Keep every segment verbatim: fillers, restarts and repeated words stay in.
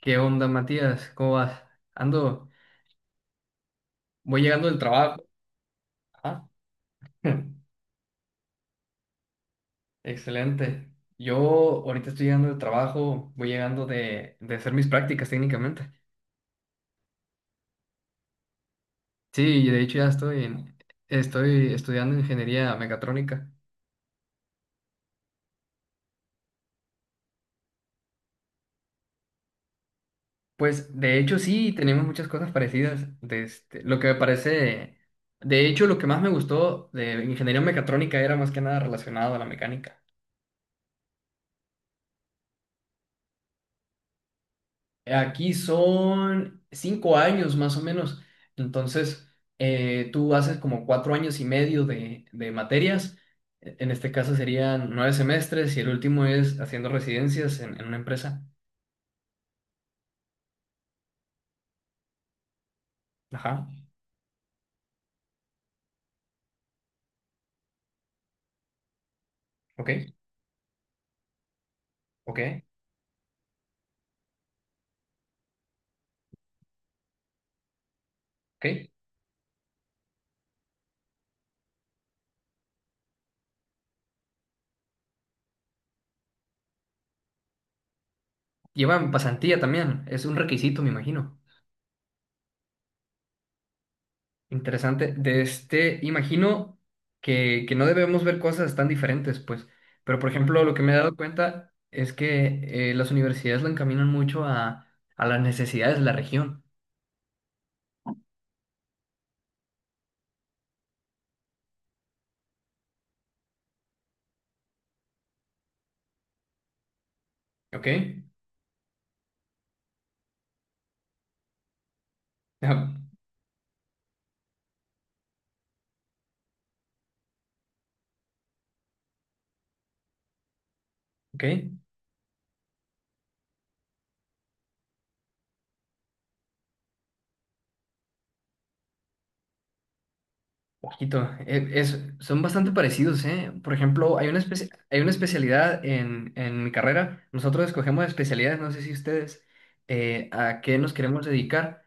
¿Qué onda, Matías? ¿Cómo vas? Ando, voy llegando del trabajo. Ah, excelente. Yo ahorita estoy llegando del trabajo, voy llegando de, de hacer mis prácticas técnicamente. Sí, y de hecho ya estoy, en- estoy estudiando ingeniería mecatrónica. Pues de hecho sí, tenemos muchas cosas parecidas. De este, lo que me parece, de hecho lo que más me gustó de ingeniería mecatrónica era más que nada relacionado a la mecánica. Aquí son cinco años más o menos. Entonces, eh, tú haces como cuatro años y medio de, de materias. E- En este caso serían nueve semestres y el último es haciendo residencias en, en una empresa. Ajá. Ok, ok, ok. Llevan pasantía también. Es un requisito, me imagino. Interesante. De este, imagino que, que no debemos ver cosas tan diferentes, pues. Pero, por ejemplo, lo que me he dado cuenta es que eh, las universidades lo encaminan mucho a, a las necesidades de la región. ¿Ok? Ah, ¿ok? Quito, eh, es, son bastante parecidos, ¿eh? Por ejemplo, hay una especie, hay una especialidad en, en mi carrera. Nosotros escogemos especialidades, no sé si ustedes, eh, a qué nos queremos dedicar.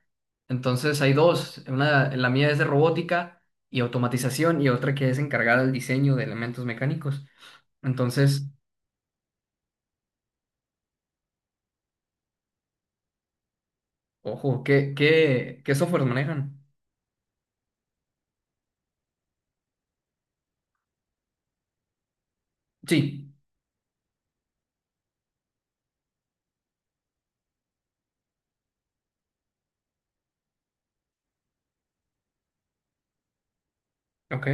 Entonces hay dos, una, la mía es de robótica y automatización y otra que es encargada del diseño de elementos mecánicos. Entonces, ojo, ¿qué, qué, qué software manejan? Sí, ok,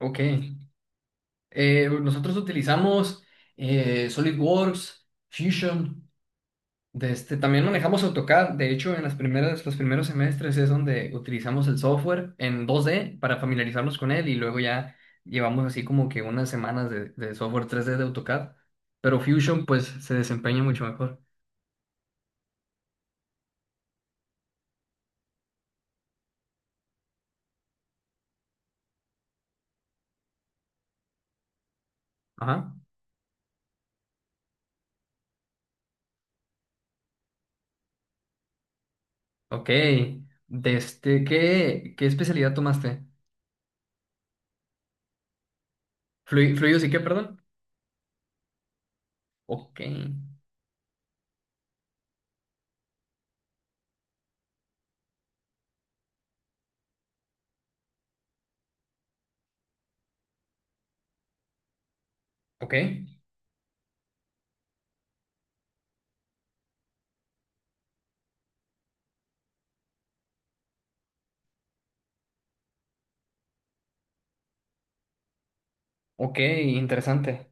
ok. Eh, nosotros utilizamos eh, SolidWorks, Fusion. De este, también manejamos AutoCAD. De hecho, en las primeras, los primeros semestres es donde utilizamos el software en dos D para familiarizarnos con él y luego ya llevamos así como que unas semanas de, de software tres D de AutoCAD. Pero Fusion pues se desempeña mucho mejor. Ajá. Ok. De este, ¿qué, qué especialidad tomaste? Flui- ¿Fluidos y qué, perdón? Ok. Ok. Ok, interesante.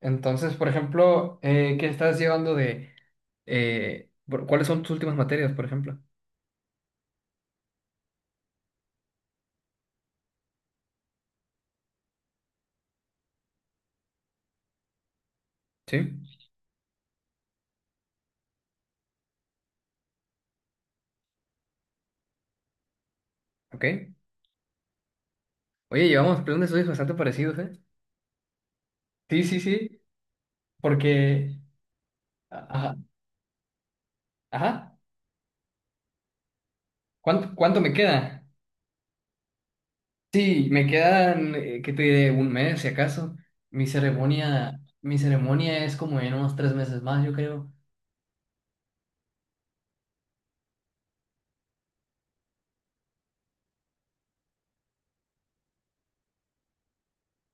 Entonces, por ejemplo, eh, ¿qué estás llevando de... eh, por- ¿cuáles son tus últimas materias, por ejemplo? Sí, ok. Oye, llevamos plan de estudios bastante parecidos, ¿eh? Sí, sí, sí, porque... Ajá, ajá. ¿Cuánto, ¿cuánto me queda? Sí, me quedan, eh, ¿qué te diré? Un mes, si acaso. Mi ceremonia, mi ceremonia es como en unos tres meses más, yo creo.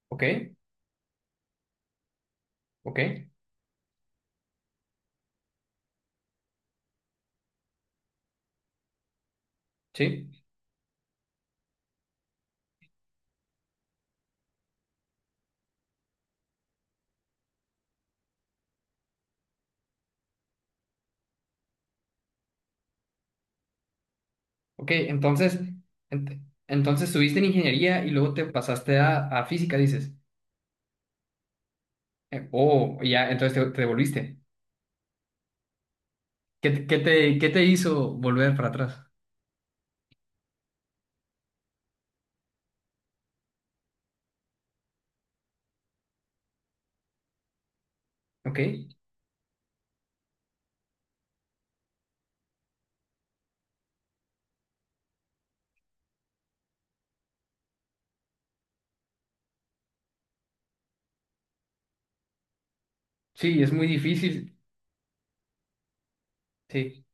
Ok, ok, sí. Ok, entonces, ent- entonces estuviste en ingeniería y luego te pasaste a, a física, dices. Eh, oh, ya, entonces te, te devolviste. ¿Qué, te, qué te qué te hizo volver para atrás? Ok. Sí, es muy difícil. Sí,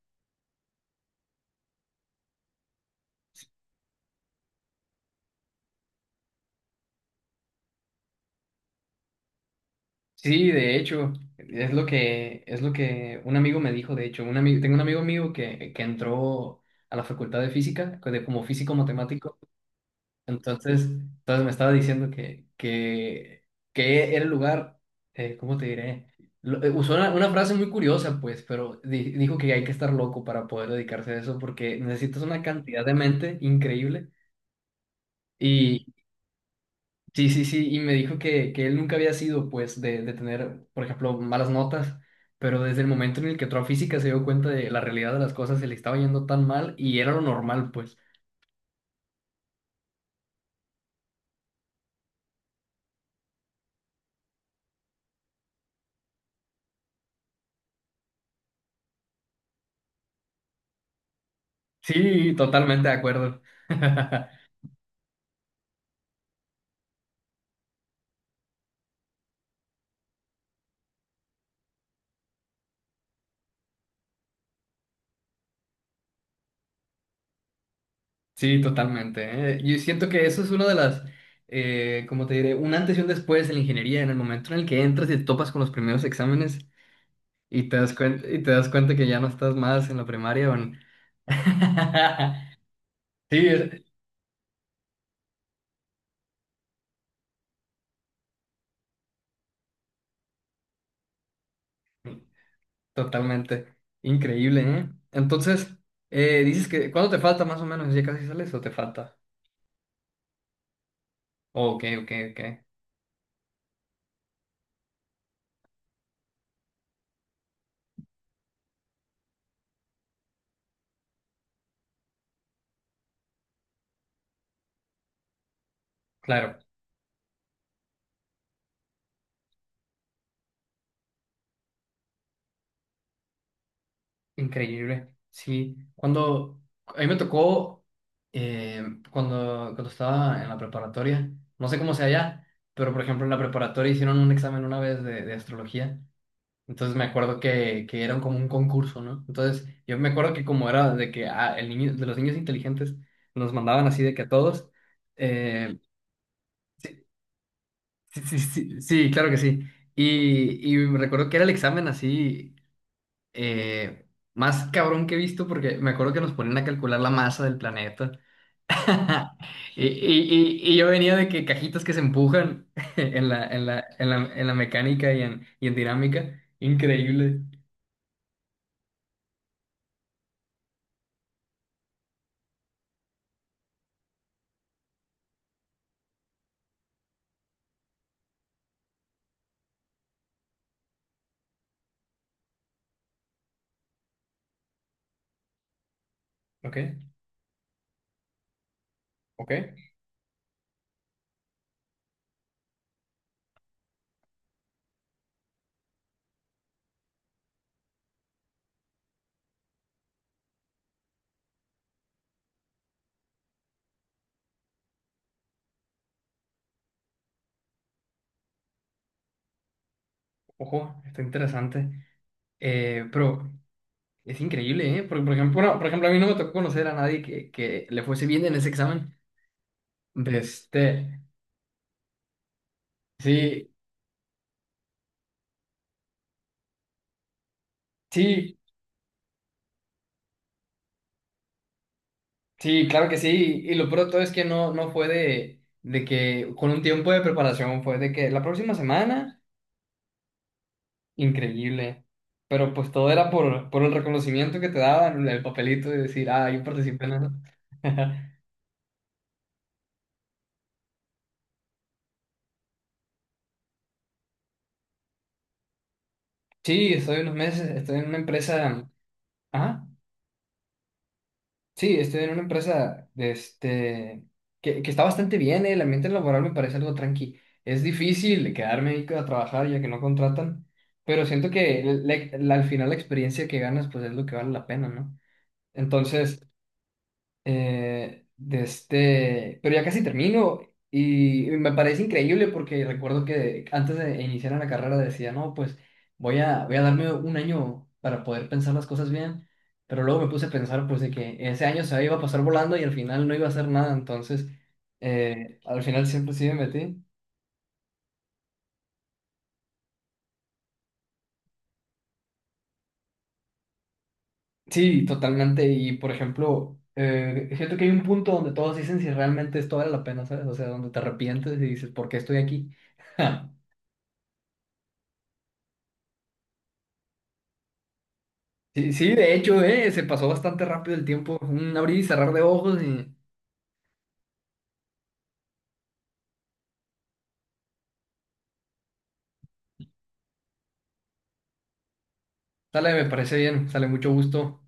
sí, de hecho, es lo que, es lo que un amigo me dijo, de hecho, un amigo, tengo un amigo mío que, que entró a la facultad de física, co- de- como físico matemático, entonces, entonces me estaba diciendo que, que, que era el lugar, eh, ¿cómo te diré? Lo- eh, usó una, una frase muy curiosa, pues, pero di- dijo que hay que estar loco para poder dedicarse a eso, porque necesitas una cantidad de mente increíble. Sí, sí, sí, y me dijo que, que él nunca había sido, pues, de, de tener, por ejemplo, malas notas, pero desde el momento en el que entró a física se dio cuenta de la realidad de las cosas, se le estaba yendo tan mal y era lo normal, pues. Sí, totalmente de acuerdo. Sí, totalmente, ¿eh? Yo siento que eso es una de las, eh, como te diré, un antes y un después en la ingeniería, en el momento en el que entras y te topas con los primeros exámenes y te das cuenta, y te das cuenta que ya no estás más en la primaria o en... Sí, es- totalmente. Increíble, ¿eh? Entonces, eh, dices que, ¿cuándo te falta más o menos? ¿Ya casi sales o te falta? Oh, ok, ok, ok. Claro, increíble. Sí, cuando, a mí me tocó, eh, cuando, cuando estaba en la preparatoria, no sé cómo sea allá, pero por ejemplo en la preparatoria hicieron un examen una vez de, de astrología. Entonces me acuerdo que, que era como un concurso, ¿no? Entonces yo me acuerdo que como era de que ah, el niño, de los niños inteligentes nos mandaban así de que a todos. Eh, Sí, sí, sí, sí, claro que sí. Y, y me recuerdo que era el examen así eh, más cabrón que he visto porque me acuerdo que nos ponían a calcular la masa del planeta. Y, y- y- y yo venía de que cajitas que se empujan en la, en la, en la, en la mecánica y en, y en dinámica. Increíble. Ok, ok. Ojo, está interesante. Eh, pero es increíble, ¿eh? Porque, por ejemplo, no, por ejemplo, a mí no me tocó conocer a nadie que, que le fuese bien en ese examen. De este. Sí, sí, sí, claro que sí. Y, y lo peor de todo es que no, no fue de, de que con un tiempo de preparación, fue de que la próxima semana, increíble. Pero pues todo era por, por el reconocimiento que te daban, el papelito de decir, ah, yo participé en eso. Sí, estoy unos meses, estoy en una empresa. Ajá. Sí, estoy en una empresa de este, que, que está bastante bien, eh, el ambiente laboral me parece algo tranqui. Es difícil quedarme ahí a trabajar ya que no contratan, pero siento que la- la- al final la experiencia que ganas pues es lo que vale la pena, ¿no? Entonces, eh, de este, pero ya casi termino y me parece increíble porque recuerdo que antes de iniciar en la carrera decía, no, pues voy a, voy a darme un año para poder pensar las cosas bien, pero luego me puse a pensar pues de que ese año se iba a pasar volando y al final no iba a hacer nada, entonces eh, al final siempre sí me metí. Sí, totalmente, y por ejemplo, eh, siento que hay un punto donde todos dicen si realmente esto vale la pena, ¿sabes? O sea, donde te arrepientes y dices, ¿por qué estoy aquí? Sí, sí, de hecho, eh, se pasó bastante rápido el tiempo. Un abrir y cerrar de ojos y sale, me parece bien, sale mucho gusto.